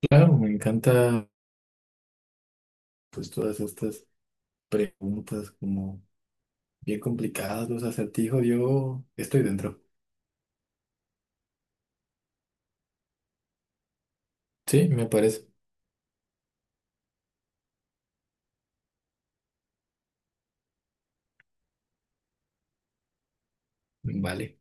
Claro, me encanta, pues todas estas preguntas como bien complicadas, los acertijos, yo estoy dentro. Sí, me parece. Vale.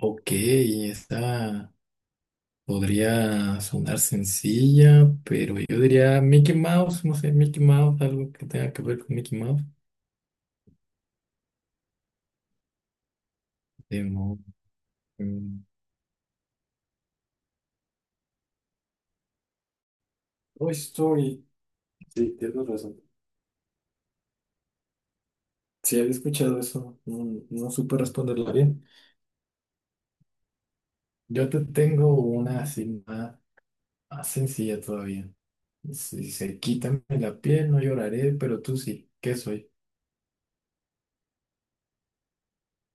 Ok, esta podría sonar sencilla, pero yo diría Mickey Mouse, no sé, Mickey Mouse, algo que tenga que ver con Mickey Mouse. De mo- mm, Toy Story. Sí, tienes razón. Si había escuchado eso, no, no supe responderla bien. Yo te tengo una así más sencilla todavía. Si dice, quítame la piel, no lloraré, pero tú sí. ¿Qué soy?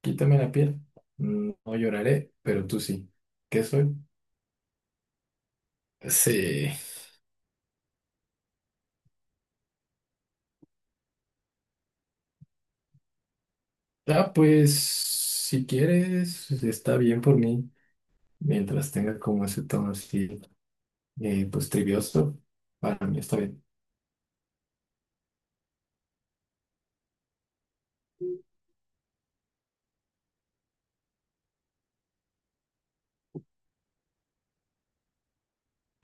Quítame la piel, no lloraré, pero tú sí. ¿Qué soy? Sí. Ah, pues si quieres, está bien por mí. Mientras tenga como ese tono así, pues trivioso, para mí está bien.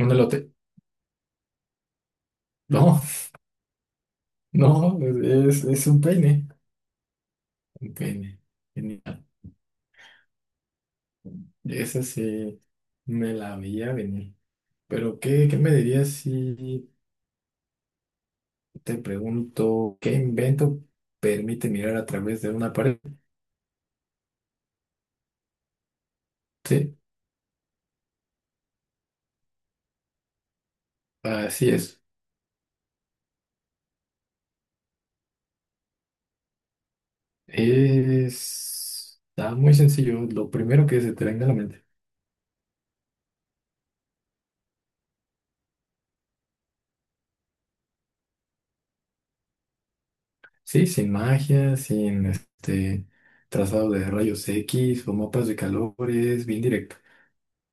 Un elote. No, no, es un peine. Un peine. Genial. Esa sí me la veía venir. Pero, ¿qué me dirías si... Te pregunto, ¿qué invento permite mirar a través de una pared? Sí, así es. Es... Está muy sencillo, lo primero que se te venga a la mente. Sí, sin magia, sin este trazado de rayos X o mapas de calores, bien directo.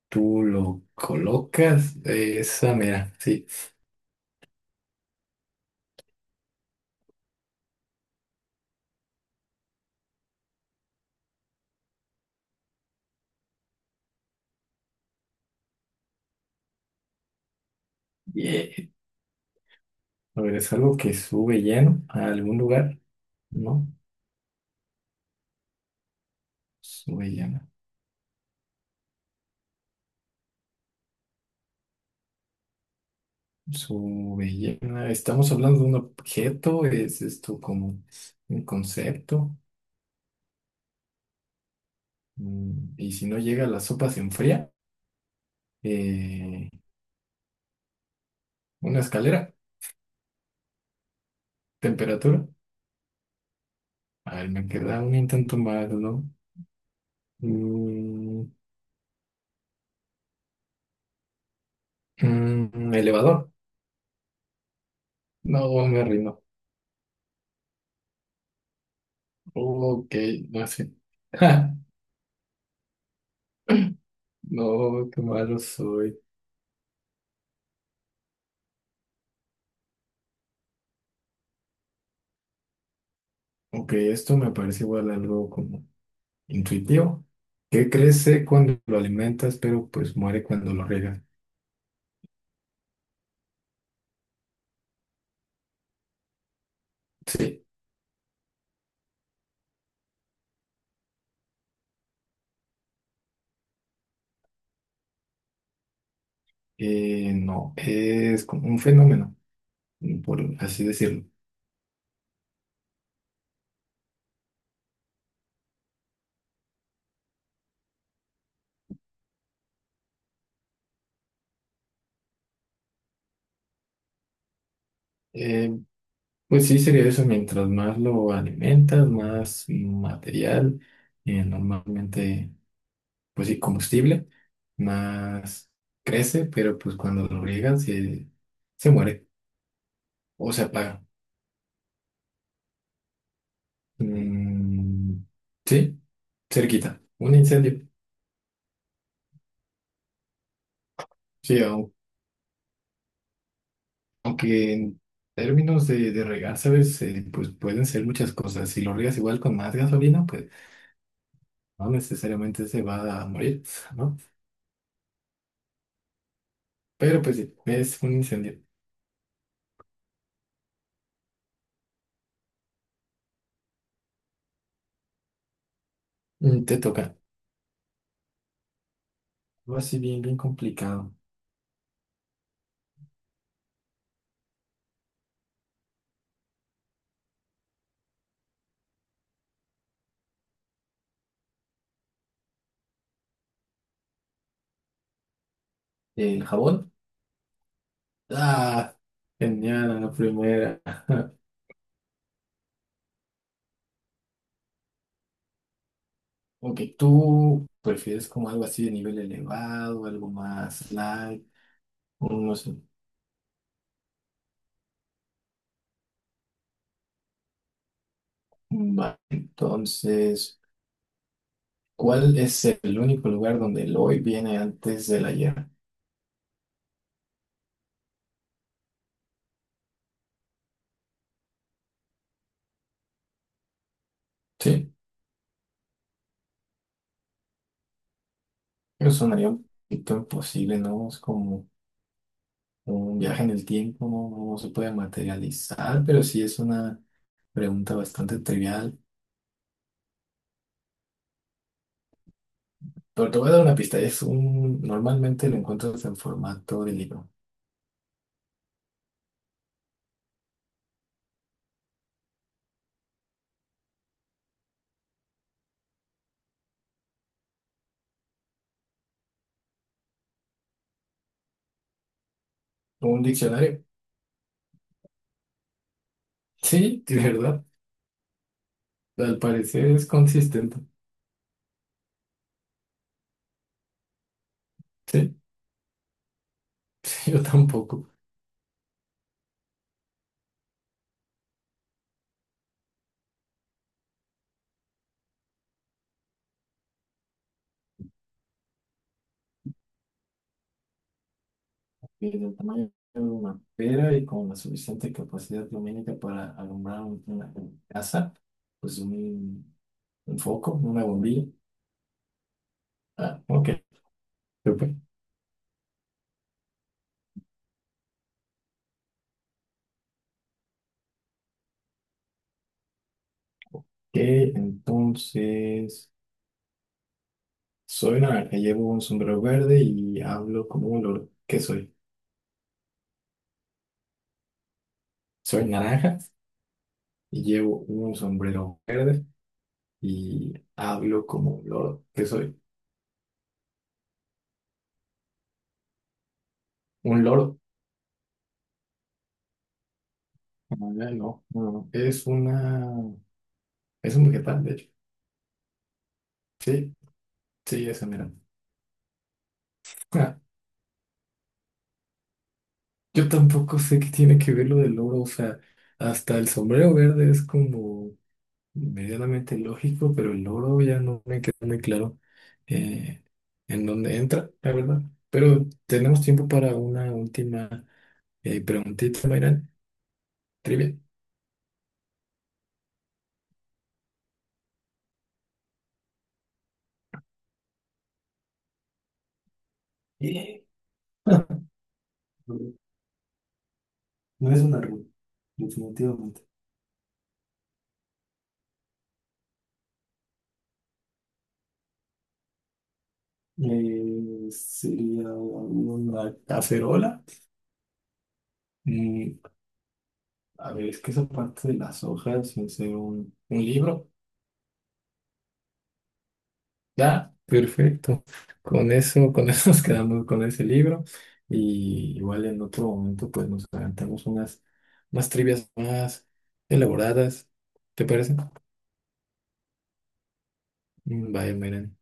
Tú lo colocas, esa mera, sí. Bien. A ver, es algo que sube lleno a algún lugar, ¿no? Sube lleno. Su belleza. Estamos hablando de un objeto, es esto como un concepto. Y si no llega la sopa se enfría. Eh, una escalera, temperatura. A ver, me queda un intento más, ¿no? Mm, elevador. No, me rindo. Ok, no sé. Ja, no, qué malo soy. Ok, esto me parece igual algo como intuitivo. ¿Qué crece cuando lo alimentas, pero pues muere cuando lo riegas? Sí, no, es como un fenómeno, por así decirlo. Eh, pues sí, sería eso, mientras más lo alimentas, más material, normalmente, pues sí, combustible, más crece, pero pues cuando lo riegan se muere o se apaga. Mm, sí, cerquita, un incendio. Sí, aunque en términos de regar, ¿sabes? Pues pueden ser muchas cosas. Si lo riegas igual con más gasolina, pues no necesariamente se va a morir, ¿no? Pero pues sí, es un incendio. Te toca. Algo así bien, bien complicado. ¿El jabón? Ah, genial, a la primera. Ok, ¿tú prefieres como algo así de nivel elevado, algo más light? No sé. Va, entonces, ¿cuál es el único lugar donde el hoy viene antes del ayer? Sí, pero sonaría un poquito imposible, ¿no? Es como un viaje en el tiempo, no, no se puede materializar, pero sí es una pregunta bastante trivial. Pero te voy a dar una pista, normalmente lo encuentras en formato de libro. Un diccionario. Sí, de verdad. Al parecer es consistente. Sí, yo tampoco. Y del tamaño de una pera y con la suficiente capacidad lumínica para alumbrar una casa, pues un, un foco, una bombilla. Ah, ok. Yo, pues, que entonces soy naranja, llevo un sombrero verde y hablo como un loro. ¿Qué soy? Soy naranja y llevo un sombrero verde y hablo como un loro. ¿Qué soy? ¿Un loro? Ah, ya, no, no, no. Es una... Es un vegetal, de hecho. Sí, sí, esa, mira. Ah, yo tampoco sé qué tiene que ver lo del loro, o sea, hasta el sombrero verde es como... medianamente lógico, pero el logro ya no me queda muy claro eh, en dónde entra, la verdad. Pero tenemos tiempo para una última preguntita, Mayran. Trivia. Eh, ah, No es una rubia, definitivamente. Sería una cacerola. Mm, a ver, es que esa parte de las hojas, sin ser un libro. Ah, perfecto. Con eso nos quedamos con ese libro. Y igual en otro momento, pues nos aventamos unas trivias más elaboradas. ¿Te parece? Mm, vaya, miren.